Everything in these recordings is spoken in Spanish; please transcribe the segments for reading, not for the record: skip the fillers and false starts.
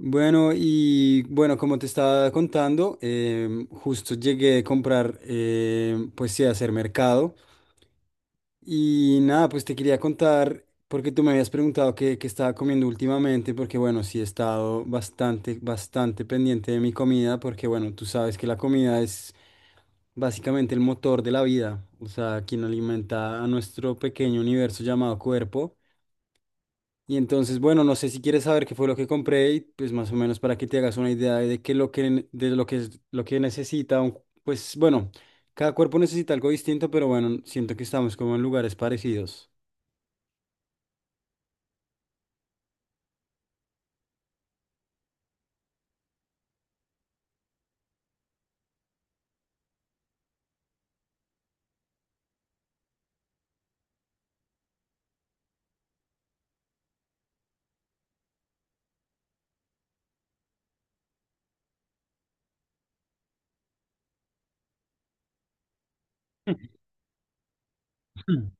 Bueno, y bueno, como te estaba contando, justo llegué a comprar, pues sí, a hacer mercado. Y nada, pues te quería contar, porque tú me habías preguntado qué estaba comiendo últimamente, porque bueno, sí he estado bastante pendiente de mi comida, porque bueno, tú sabes que la comida es básicamente el motor de la vida, o sea, quien alimenta a nuestro pequeño universo llamado cuerpo. Y entonces, bueno, no sé si quieres saber qué fue lo que compré y pues más o menos para que te hagas una idea de que lo que de lo que es- lo que necesita pues bueno, cada cuerpo necesita algo distinto, pero bueno, siento que estamos como en lugares parecidos. Mm.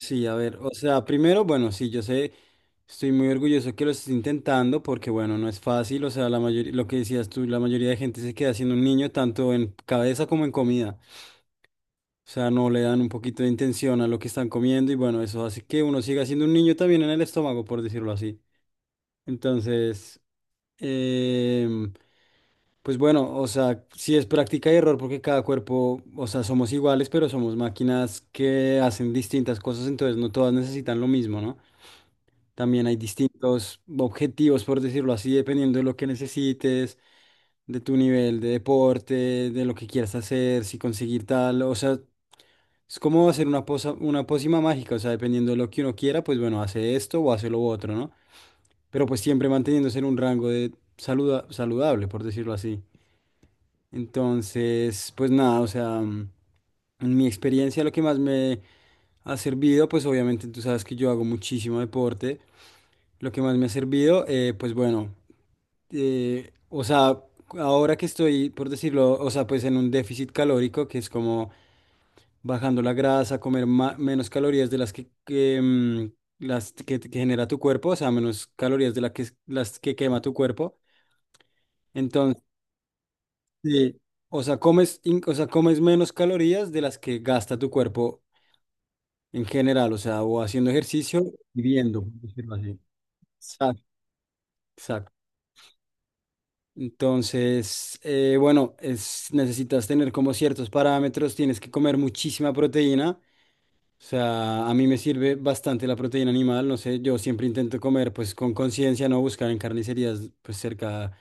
Sí, a ver, o sea, primero, bueno, sí, yo sé, estoy muy orgulloso que lo estés intentando porque bueno, no es fácil, o sea, la mayoría, lo que decías tú, la mayoría de gente se queda siendo un niño tanto en cabeza como en comida. O sea, no le dan un poquito de intención a lo que están comiendo y bueno, eso hace que uno siga siendo un niño también en el estómago, por decirlo así. Entonces, em, pues bueno, o sea, sí es práctica y error porque cada cuerpo, o sea, somos iguales, pero somos máquinas que hacen distintas cosas, entonces no todas necesitan lo mismo, ¿no? También hay distintos objetivos, por decirlo así, dependiendo de lo que necesites de tu nivel de deporte, de lo que quieras hacer, si conseguir tal, o sea, es como hacer una pócima mágica, o sea, dependiendo de lo que uno quiera, pues bueno, hace esto o hace lo otro, ¿no? Pero pues siempre manteniéndose en un rango de saludable, por decirlo así. Entonces, pues nada, o sea, en mi experiencia lo que más me ha servido, pues obviamente tú sabes que yo hago muchísimo deporte. Lo que más me ha servido, pues bueno, o sea, ahora que estoy, por decirlo, o sea, pues en un déficit calórico, que es como bajando la grasa, comer menos calorías de las que genera tu cuerpo, o sea, menos calorías de las que quema tu cuerpo. Entonces, sí, o sea, o sea, comes menos calorías de las que gasta tu cuerpo en general, o sea, o haciendo ejercicio, viviendo, por decirlo así. Exacto. Exacto. Entonces, bueno, es, necesitas tener como ciertos parámetros, tienes que comer muchísima proteína. O sea, a mí me sirve bastante la proteína animal, no sé, yo siempre intento comer pues con conciencia, no buscar en carnicerías pues cerca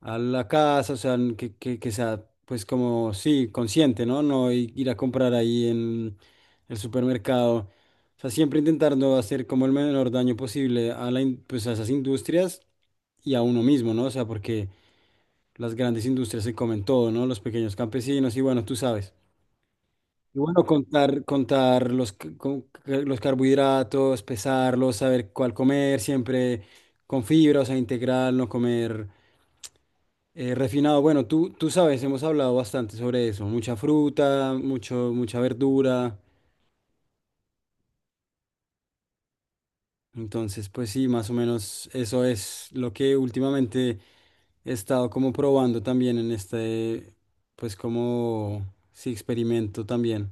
a la casa, o sea, que sea pues como, sí, consciente, ¿no? No ir a comprar ahí en el supermercado. O sea, siempre intentando hacer como el menor daño posible a pues a esas industrias y a uno mismo, ¿no? O sea, porque las grandes industrias se comen todo, ¿no? Los pequeños campesinos y bueno, tú sabes. Y bueno, contar los, c- con- c- los carbohidratos, pesarlos, saber cuál comer, siempre con fibra, o sea, integral, no comer refinado. Bueno, tú sabes, hemos hablado bastante sobre eso, mucha fruta, mucha verdura. Entonces, pues sí, más o menos eso es lo que últimamente he estado como probando también en este, pues como, sí, experimento también.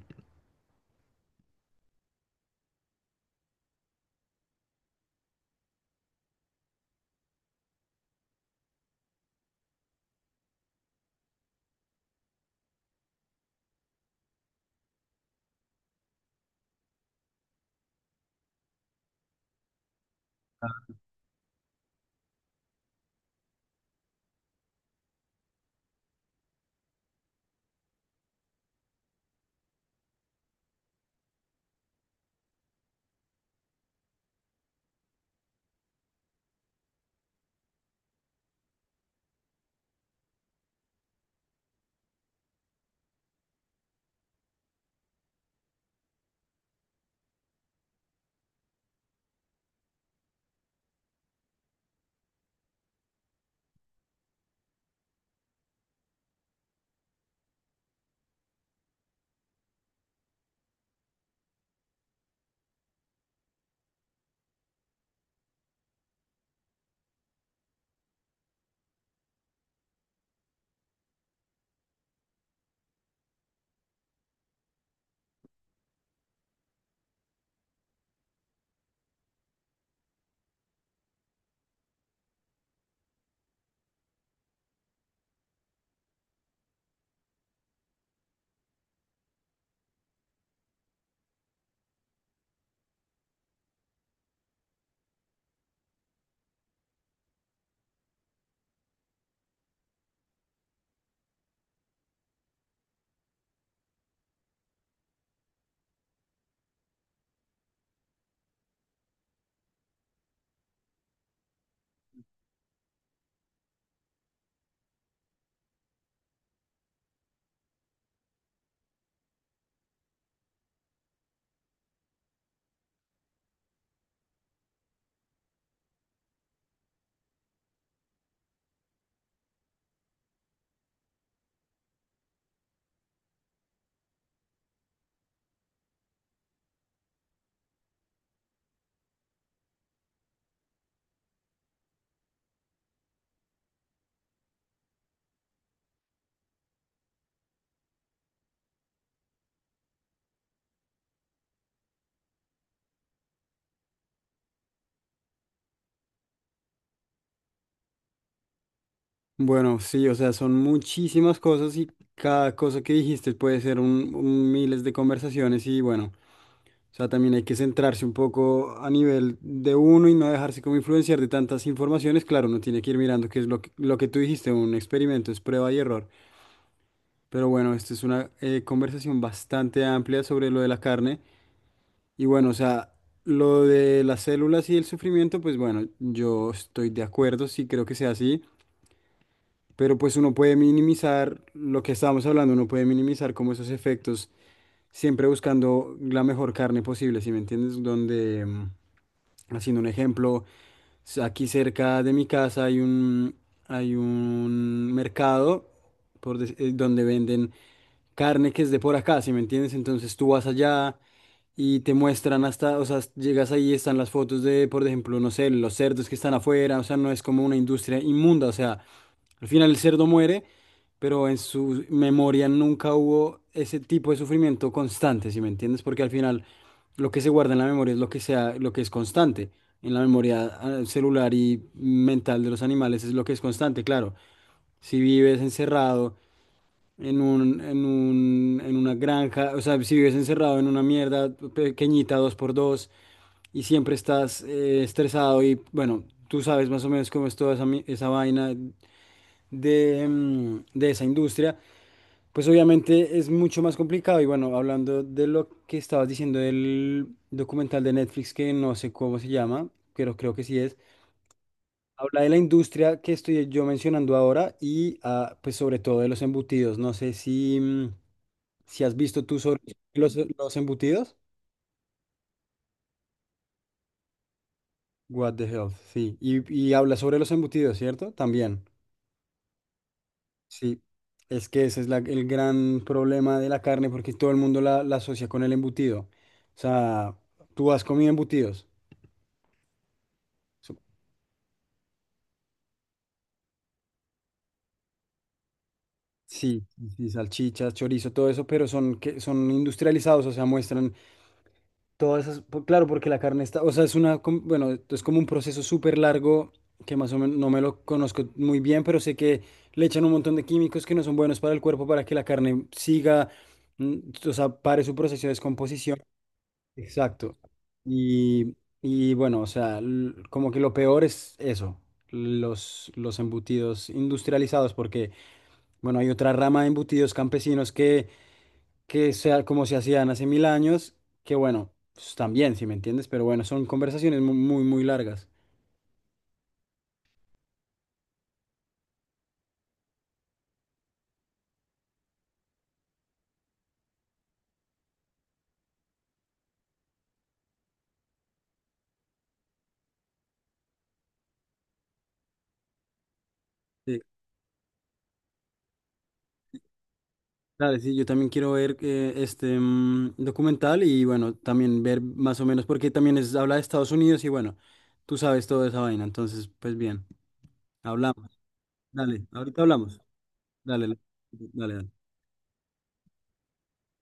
Bueno, sí, o sea, son muchísimas cosas y cada cosa que dijiste puede ser un miles de conversaciones y bueno, o sea, también hay que centrarse un poco a nivel de uno y no dejarse como influenciar de tantas informaciones. Claro, uno tiene que ir mirando qué es lo lo que tú dijiste, un experimento es prueba y error. Pero bueno, esta es una conversación bastante amplia sobre lo de la carne y bueno, o sea, lo de las células y el sufrimiento, pues bueno, yo estoy de acuerdo, sí creo que sea así. Pero pues uno puede minimizar lo que estábamos hablando, uno puede minimizar como esos efectos, siempre buscando la mejor carne posible, ¿si me entiendes? Donde, haciendo un ejemplo, aquí cerca de mi casa hay un mercado donde venden carne que es de por acá, ¿si me entiendes? Entonces tú vas allá y te muestran hasta, o sea, llegas ahí, están las fotos de, por ejemplo, no sé, los cerdos que están afuera, o sea, no es como una industria inmunda, o sea. Al final el cerdo muere, pero en su memoria nunca hubo ese tipo de sufrimiento constante, ¿si me entiendes? Porque al final lo que se guarda en la memoria es lo que sea, lo que es constante. En la memoria celular y mental de los animales es lo que es constante, claro. Si vives encerrado en una granja, o sea, si vives encerrado en una mierda pequeñita, dos por dos, y siempre estás estresado y bueno, tú sabes más o menos cómo es toda esa vaina de esa industria, pues obviamente es mucho más complicado. Y bueno, hablando de lo que estabas diciendo del documental de Netflix, que no sé cómo se llama, pero creo que sí es, habla de la industria que estoy yo mencionando ahora y pues sobre todo de los embutidos. No sé si has visto tú sobre los embutidos. What the hell, sí. Y habla sobre los embutidos, ¿cierto? También. Sí, es que ese es el gran problema de la carne porque todo el mundo la asocia con el embutido. O sea, tú has comido embutidos. So- Sí, sí, sí, salchichas, chorizo, todo eso, pero son, que, son industrializados, o sea, muestran todas esas... Claro, porque la carne está, o sea, bueno, es como un proceso súper largo que más o menos no me lo conozco muy bien, pero sé que le echan un montón de químicos que no son buenos para el cuerpo para que la carne siga, mm, o sea, pare su proceso de descomposición. Exacto. Y, y bueno, o sea, como que lo peor es eso, los embutidos industrializados, porque, bueno, hay otra rama de embutidos campesinos que sea como se hacían hace mil años, que bueno, pues, también, si me entiendes, pero bueno, son conversaciones muy largas. Sí. Dale, sí, yo también quiero ver este documental y bueno, también ver más o menos, porque también es, habla de Estados Unidos y bueno, tú sabes toda esa vaina, entonces, pues bien, hablamos. Dale, ahorita hablamos. Dale, dale, dale.